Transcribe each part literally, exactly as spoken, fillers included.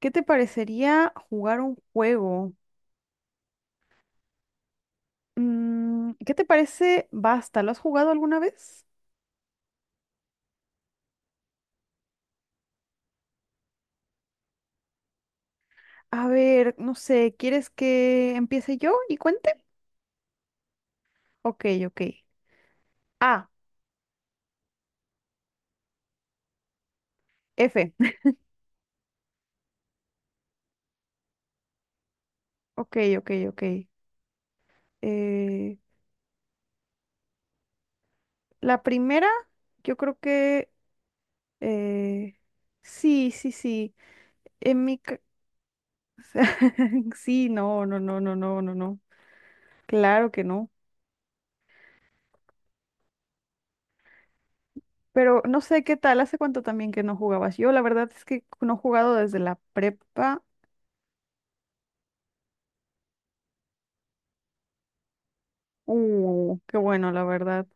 ¿Qué te parecería jugar un juego? Mm, ¿qué te parece Basta? ¿Lo has jugado alguna vez? A ver, no sé, ¿quieres que empiece yo y cuente? Ok, ok. A, F. Ok, ok, ok. Eh, la primera, yo creo que... eh, sí, sí, sí. En mi... ca- Sí, no, no, no, no, no, no, no. Claro que no. Pero no sé qué tal, hace cuánto también que no jugabas. Yo la verdad es que no he jugado desde la prepa. Uh, qué bueno, la verdad.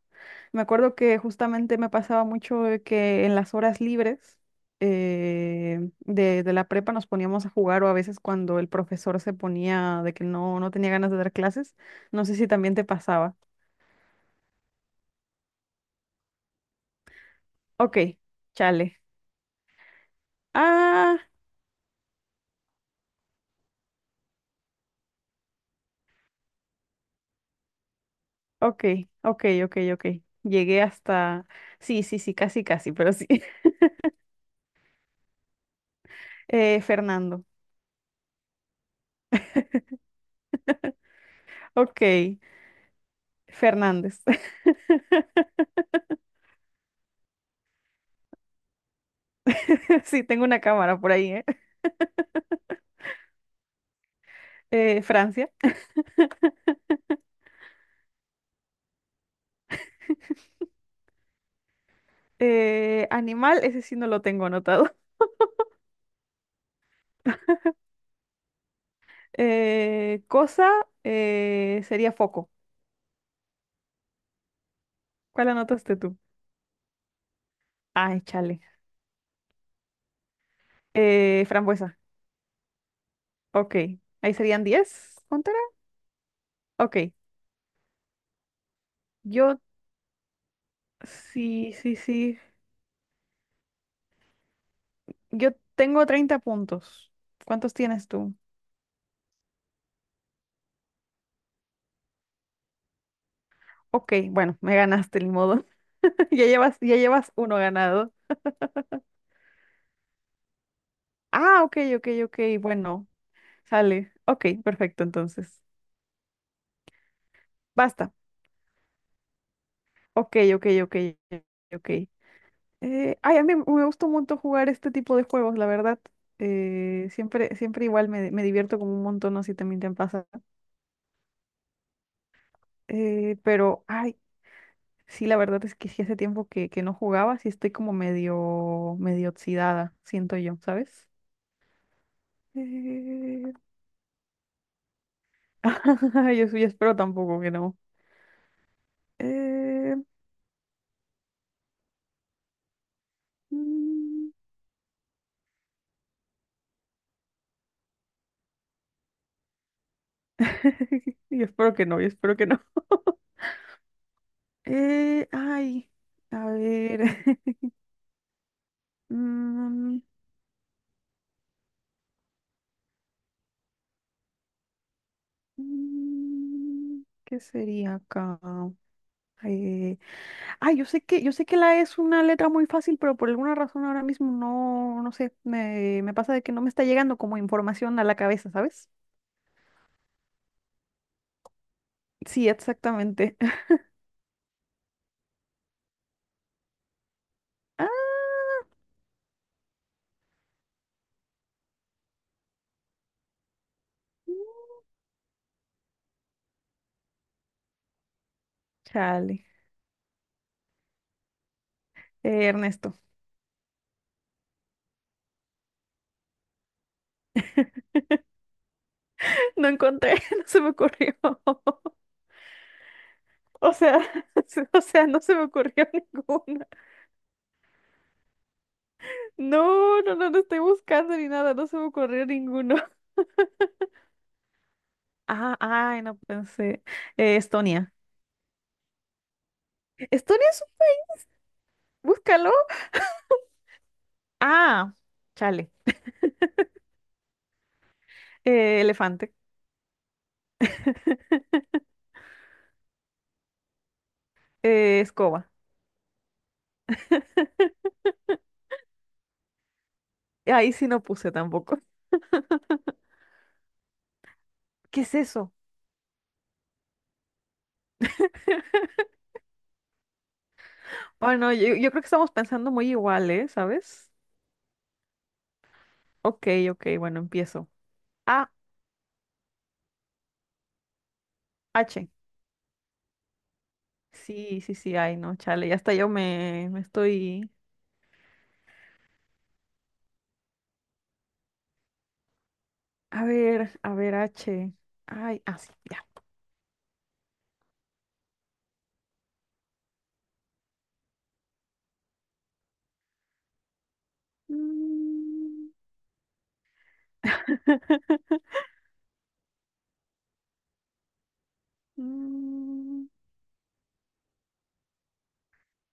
Me acuerdo que justamente me pasaba mucho de que en las horas libres eh, de, de la prepa nos poníamos a jugar o a veces cuando el profesor se ponía de que no, no tenía ganas de dar clases. No sé si también te pasaba. Ok, chale. Ah, ok, ok, ok, ok. Llegué hasta... Sí, sí, sí, casi, casi, pero sí. Eh, Fernando. Ok, Fernández. Sí, tengo una cámara por ahí, ¿eh? Eh, Francia. Eh, animal, ese sí no lo tengo anotado. Eh, cosa, eh, sería foco. ¿Cuál anotaste tú? Ay, chale. Eh, frambuesa. Ok, ahí serían diez. ¿Cuánto era? Ok, yo, sí, sí, sí. Yo tengo treinta puntos. ¿Cuántos tienes tú? Ok, bueno, me ganaste, ni modo. Ya llevas, ya llevas uno ganado. Ah, ok, ok, ok. Bueno. Sale. Ok, perfecto, entonces. Basta. Ok, ok, ok, ok. Eh, ay, a mí me gusta un montón jugar este tipo de juegos, la verdad. Eh, siempre, siempre igual me, me divierto como un montón, no sé si también te pasa. Eh, pero, ay, sí, la verdad es que sí hace tiempo que, que no jugaba, sí estoy como medio, medio oxidada, siento yo, ¿sabes? Eh, yo, sí espero tampoco que no. Eh, mm, Yo espero que no, yo espero que no. Eh, ay, a ver. Mm, mm, ¿Qué sería acá? Eh, ay, yo sé que, yo sé que la E es una letra muy fácil, pero por alguna razón ahora mismo no, no sé, me, me pasa de que no me está llegando como información a la cabeza, ¿sabes? Sí, exactamente. Ah, chale. Eh, Ernesto. No encontré, no se me ocurrió. O sea, o sea, no se me ocurrió ninguno. No, no, no, no estoy buscando ni nada, no se me ocurrió ninguno. Ah, ay, no pensé. Eh, Estonia. Estonia es un... Búscalo. Ah, chale. Eh, elefante. Eh, escoba. Ahí sí no puse tampoco. ¿Qué es eso? Bueno, yo, yo creo que estamos pensando muy igual, ¿eh? ¿Sabes? Ok, ok, bueno, empiezo. A, H. Sí, sí, sí, ay, no, chale, ya hasta yo me, me estoy... A ver, a ver, H. Ay, ah, sí, ya. Mm, mm,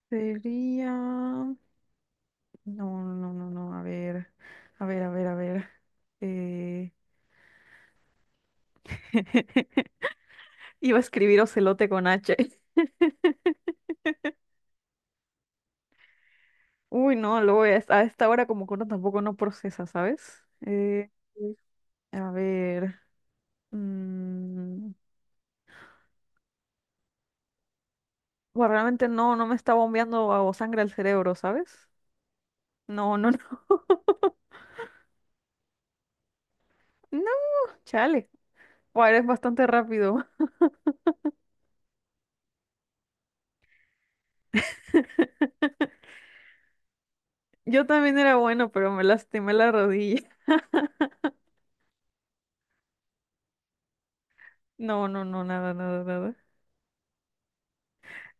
Sería... No, no, no, no, no, a ver, a ver, a ver, a ver. Eh... Iba a escribir ocelote con H. Uy, no, luego voy a, esta a esta hora como que uno tampoco no procesa, ¿sabes? Eh, a ver. mm, Bueno, realmente no, no me está bombeando a- o sangre al cerebro, ¿sabes? No, no, no. No, chale. Bueno, eres bastante rápido. Yo también era bueno, pero me lastimé la rodilla. No, no, no, nada, nada, nada.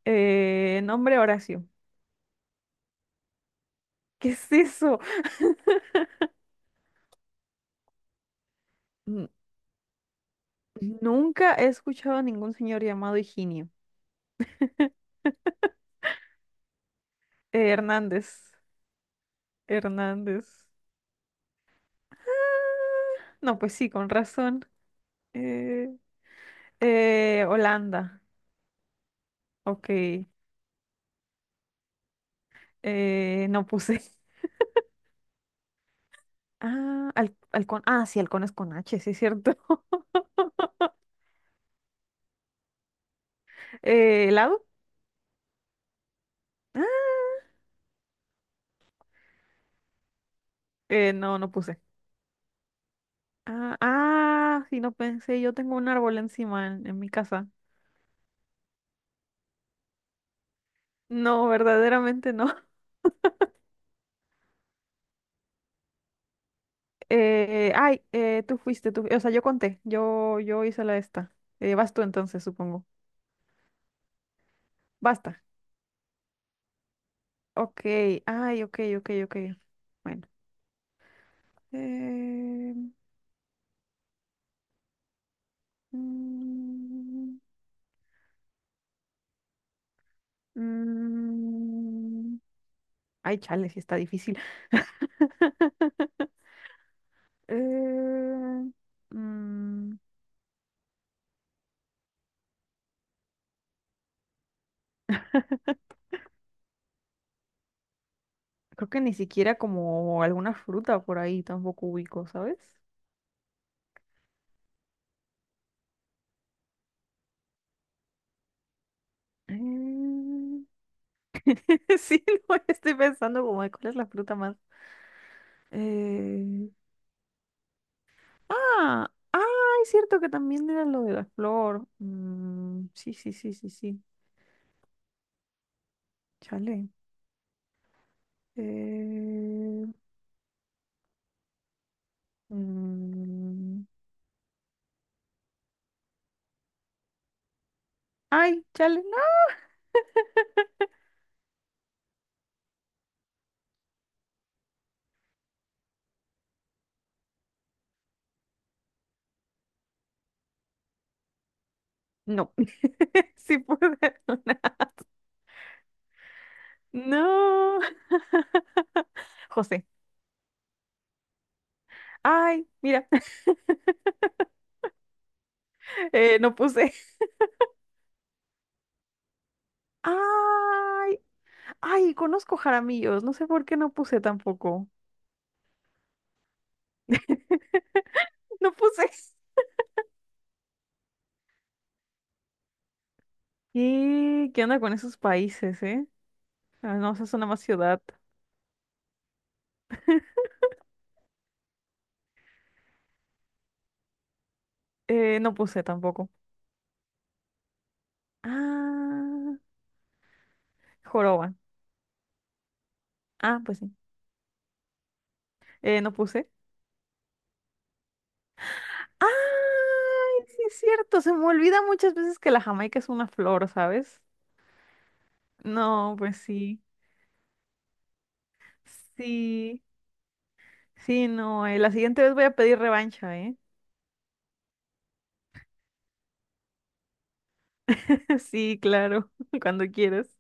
Eh, nombre Horacio. ¿Qué es eso? N- nunca he escuchado a ningún señor llamado Higinio. Eh, Hernández. Hernández. No, pues sí, con razón. Eh, eh, Holanda. Ok. Eh, no puse. Ah, al, halcón. Ah, sí, halcón es con H, sí es cierto. Eh, ¿helado? Ah, eh, no, no puse. Ah, ah, sí, no pensé, yo tengo un árbol encima en, en mi casa. No, verdaderamente no. Eh, ay, eh, tú fuiste, tú, o sea, yo conté, yo, yo hice la esta. Eh, vas tú entonces, supongo. Basta. Ok, ay, ok, ok, ok. Bueno. Eh, mm, mm, Ay, chale, sí está difícil. Eh, mm, Creo que ni siquiera como alguna fruta por ahí tampoco ubico, ¿sabes? Mm, sí, no, estoy pensando como de cuál es la fruta más. Eh, Ah, ah, es cierto que también era lo de la flor. Mm, sí, sí, sí, sí, sí. Chale. Eh, mm, Ay, chale, no. No. Sí pude. Ver una. No. José. Ay, mira, eh, no puse. Ay, ay, conozco Jaramillos, no sé por qué no puse tampoco. No puse. ¿Qué? ¿Qué onda con esos países, eh? Ah, no, esa es una más ciudad. Eh, no puse tampoco. Ah, joroba. Ah, pues sí. Eh, no puse. Ay, sí es cierto, se me olvida muchas veces que la Jamaica es una flor, ¿sabes? No, pues sí. Sí, sí, no, eh, la siguiente vez voy a pedir revancha, ¿eh? Sí, claro, cuando quieras.